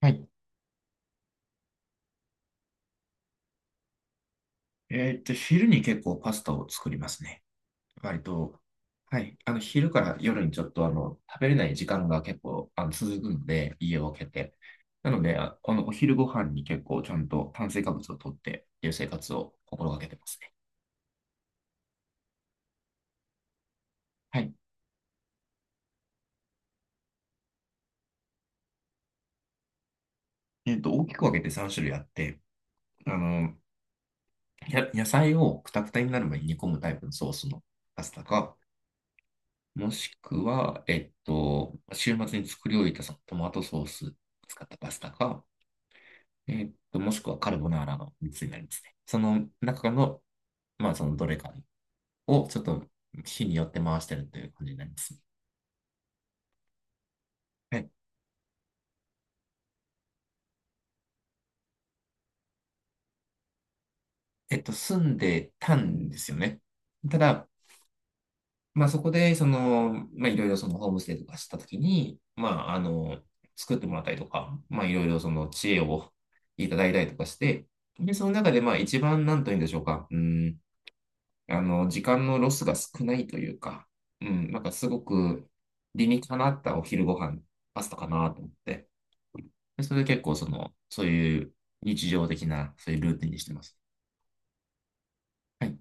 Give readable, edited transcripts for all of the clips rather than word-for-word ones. はい。昼に結構パスタを作りますね。割と。はい。昼から夜にちょっと、食べれない時間が結構、続くので、家を空けて。なので、お昼ご飯に結構ちゃんと炭水化物を取ってっていう生活を心がけてますね。はい。大きく分けて3種類あって、あの、野菜をくたくたになる前に煮込むタイプのソースのパスタか、もしくは、週末に作り置いたそのトマトソース使ったパスタか、もしくはカルボナーラの3つになりますね。その中の、まあ、そのどれかをちょっと日によって回してるという感じになりますね。はい。住んでたんですよね。ただ、まあ、そこで、その、まあ、いろいろそのホームステイとかしたときに、まあ、作ってもらったりとか、まあ、いろいろその知恵をいただいたりとかして、で、その中で、まあ、一番、なんというんでしょうか、時間のロスが少ないというか、うん、なんかすごく理にかなったお昼ご飯、パスタかなと思って。で、それで結構その、そういう日常的な、そういうルーティンにしてます。はい、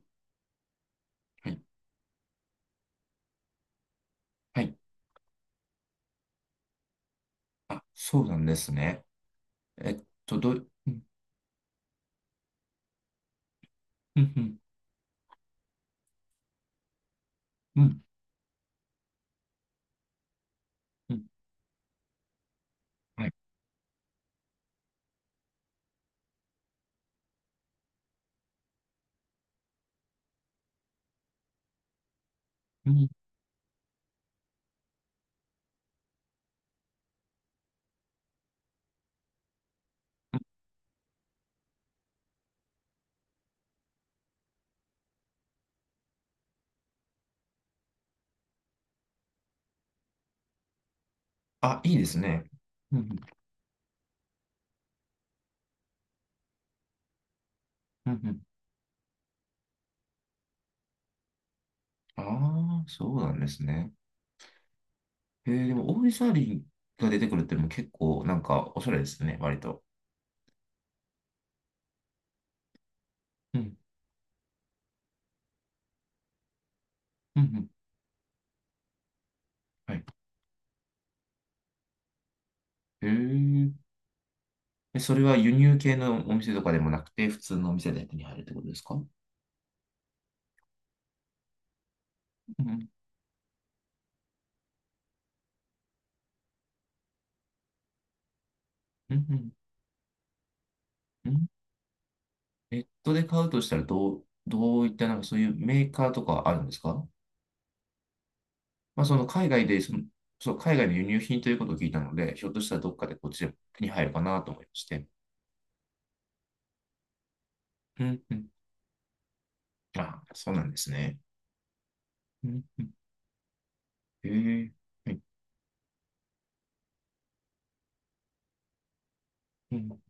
はい、はい。あ、そうなんですね。うん、うん、うん、うん、うん。はい。うん、うん。あ、いいですね。うん、うん、うん。ああー、そうなんですね。でも、大リサーリンが出てくるっていうのも結構、なんか、おしゃれですね、割と。うん、うん、うん。はい。へえ。え、それは輸入系のお店とかでもなくて、普通のお店で手に入るってことですか？うんうん。うんうん。ネットで買うとしたら、どういったなんかそういうメーカーとかあるんですか？まあ、その海外で、その、そう、海外の輸入品ということを聞いたので、ひょっとしたらどっかでこっちで手に入るかなと思いまして。うんうん。あ、そうなんですね。うんうん。へえ。はい。うん。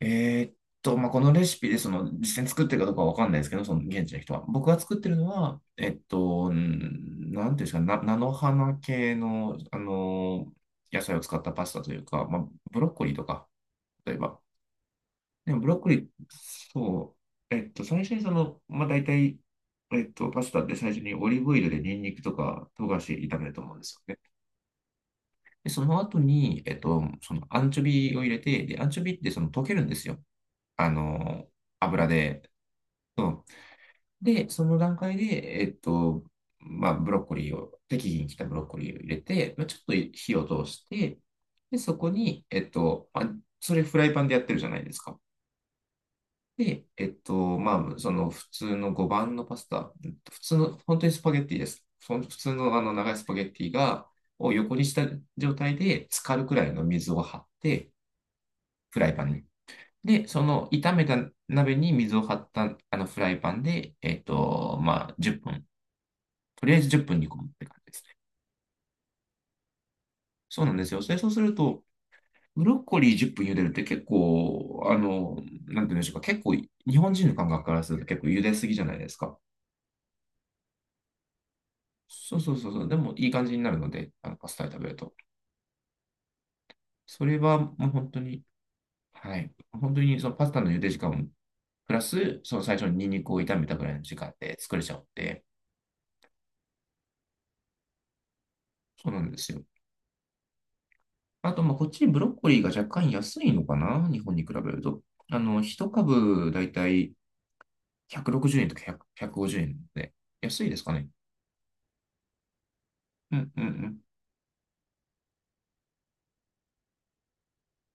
えーっまあ、このレシピで、その、実際に作ってるかどうかはわかんないですけど、その現地の人は。僕が作ってるのは、なんていうんですか、菜の花系の、野菜を使ったパスタというか、まあ、ブロッコリーとか、例えば。でも、ブロッコリー、そ最初にその、まあ、大体、パスタって最初にオリーブオイルでニンニクとか唐辛子炒めると思うんですよね。で、その後に、そのアンチョビを入れて、で、アンチョビってその溶けるんですよ。あの油で。そん。で、その段階で、まあ、ブロッコリーを、適宜に来たブロッコリーを入れて、まあ、ちょっと火を通して、で、そこに、まあ、それフライパンでやってるじゃないですか。で、まあ、その普通の5番のパスタ、普通の、本当にスパゲッティです。その普通のあの長いスパゲッティが、を横にした状態で、浸かるくらいの水を張って、フライパンに。で、その炒めた鍋に水を張ったあのフライパンで、まあ、10分とりあえず10分煮込むって感じですね。そうなんですよ。で、そうすると、ブロッコリー10分茹でるって結構、なんて言うんでしょうか、結構、日本人の感覚からすると結構茹ですぎじゃないですか。そうそうそうそう、でもいい感じになるので、あのパスタで食べると。それはもう本当に、はい、本当にそのパスタの茹で時間をプラス、その最初にニンニクを炒めたぐらいの時間で作れちゃうので、そうなんですよ。あと、まあ、こっちにブロッコリーが若干安いのかな、日本に比べると。1株だいたい160円とか100 150円で、安いですかね。うんうん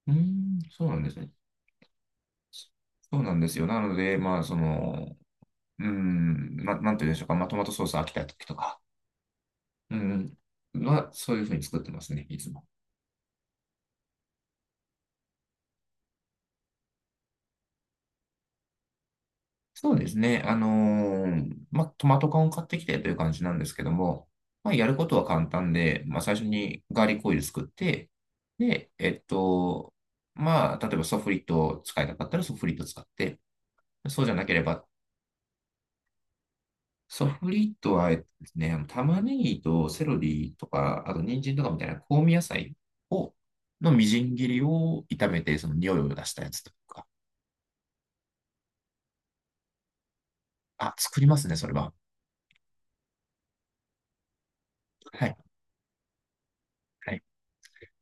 うん。うーん、そうなんですね。そうなんですよ。なので、まあ、その、うーん、なんて言うんでしょうか。まあ、トマトソース飽きた時とか、うん、そういうふうに作ってますね、いつも。そうですね。まあ、トマト缶を買ってきてという感じなんですけども、まあ、やることは簡単で、まあ、最初にガーリックオイル作って、で、まあ、例えばソフリットを使いたかったらソフリット使って、そうじゃなければソフリットは、えっとですね、あの玉ねぎとセロリとか、あと人参とかみたいな香味野菜を、のみじん切りを炒めて、その匂いを出したやつとか。あ、作りますね、それは。はい。はい。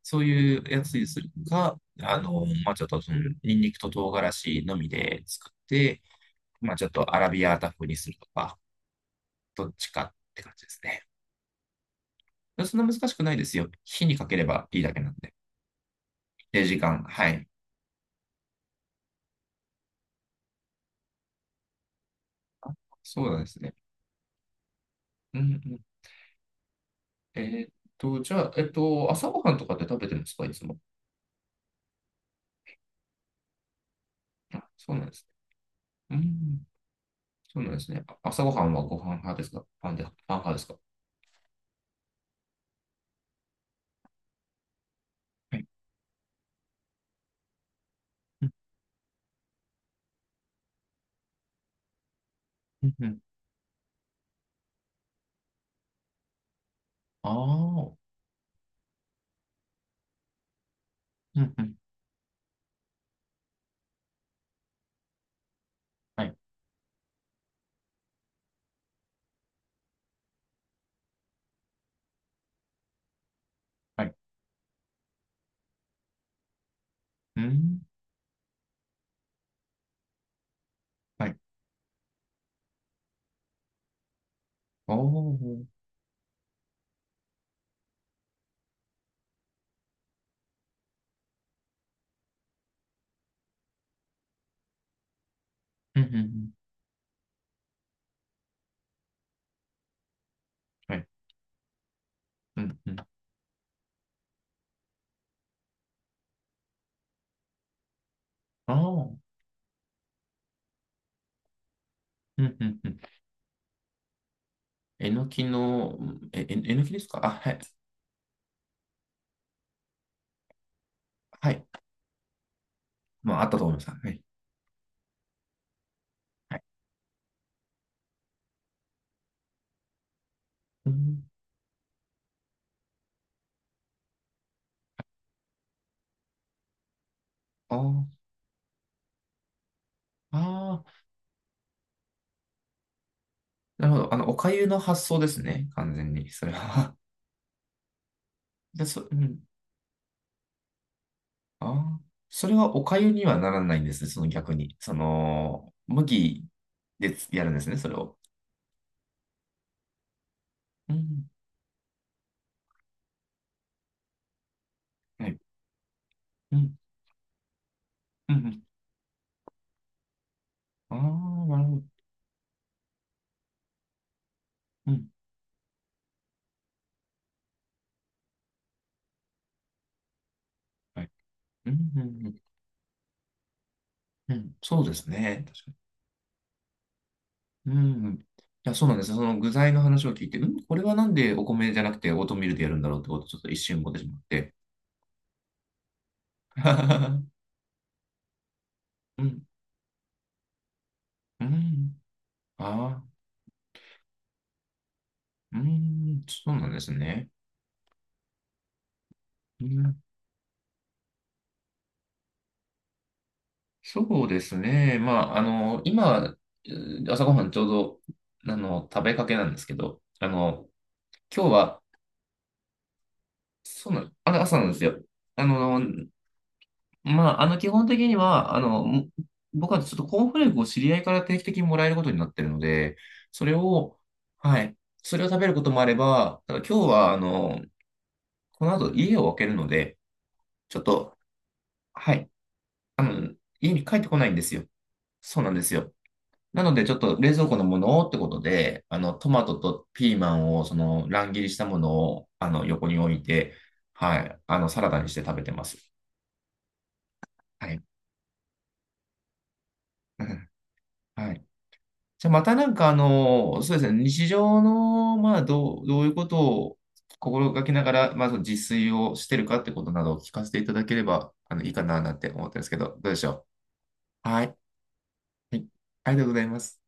そういうやつにするか、まあ、ちょっとその、ニンニクと唐辛子のみで作って、まあ、ちょっとアラビアータ風にするとか、どっちかって感じですね。そんな難しくないですよ。火にかければいいだけなんで。で、時間。はい。そうなんですね。うんうん。えーっじゃあ、朝ごはんとかって食べてるんですか、いつも？あ、そうなんですね。うん、そうなんですね。あ、朝ごはんはご飯派ですか？パンで、パン派ですか？はい。うんうんうん。ああ。うんうん。はいはい。うん。はい。おお。うんうんうん。はい。うんうん。ああ。うんうんうん。えのきの、うん。え、ええのきですか？あ、はい。はい。まあ、あったと思います。はい。はい。うん、ああ。ああ。なるほど。おかゆの発想ですね。完全に。それは。で、そ、うん。ああ、それはお粥にはならないんですね、その逆に。その、麦でつやるんですね、それを。うん、はい。うん、うん、うん。ああ、なるほど。うん、はい。うん、うん、うん。うん、そうですね。確かに。うん。うん。いや、そうなんですよ。その具材の話を聞いて、うん、これはなんでお米じゃなくてオートミールでやるんだろうってことをちょっと一瞬思ってしまって。うん、うん。ああ、うん、そうなんですね。うん、そうですね。まあ、今、朝ごはんちょうど、食べかけなんですけど、今日は、そうなの、あの朝なんですよ。あの、まあ、基本的には、僕はちょっとコーンフレークを知り合いから定期的にもらえることになってるので、それを、はい、それを食べることもあれば、ただ今日は、この後家を空けるので、ちょっと、はい、家に帰ってこないんですよ。そうなんですよ。なので、ちょっと冷蔵庫のものをってことで、トマトとピーマンを、その、乱切りしたものを、横に置いて、はい、サラダにして食べてます。はい。うん。はい。じゃあ、またなんか、そうですね、日常の、まあ、どういうことを心がけながら、まず自炊をしてるかってことなどを聞かせていただければ、いいかな、なんて思ったんですけど、どうでしょう。はい。はい。ありがとうございます。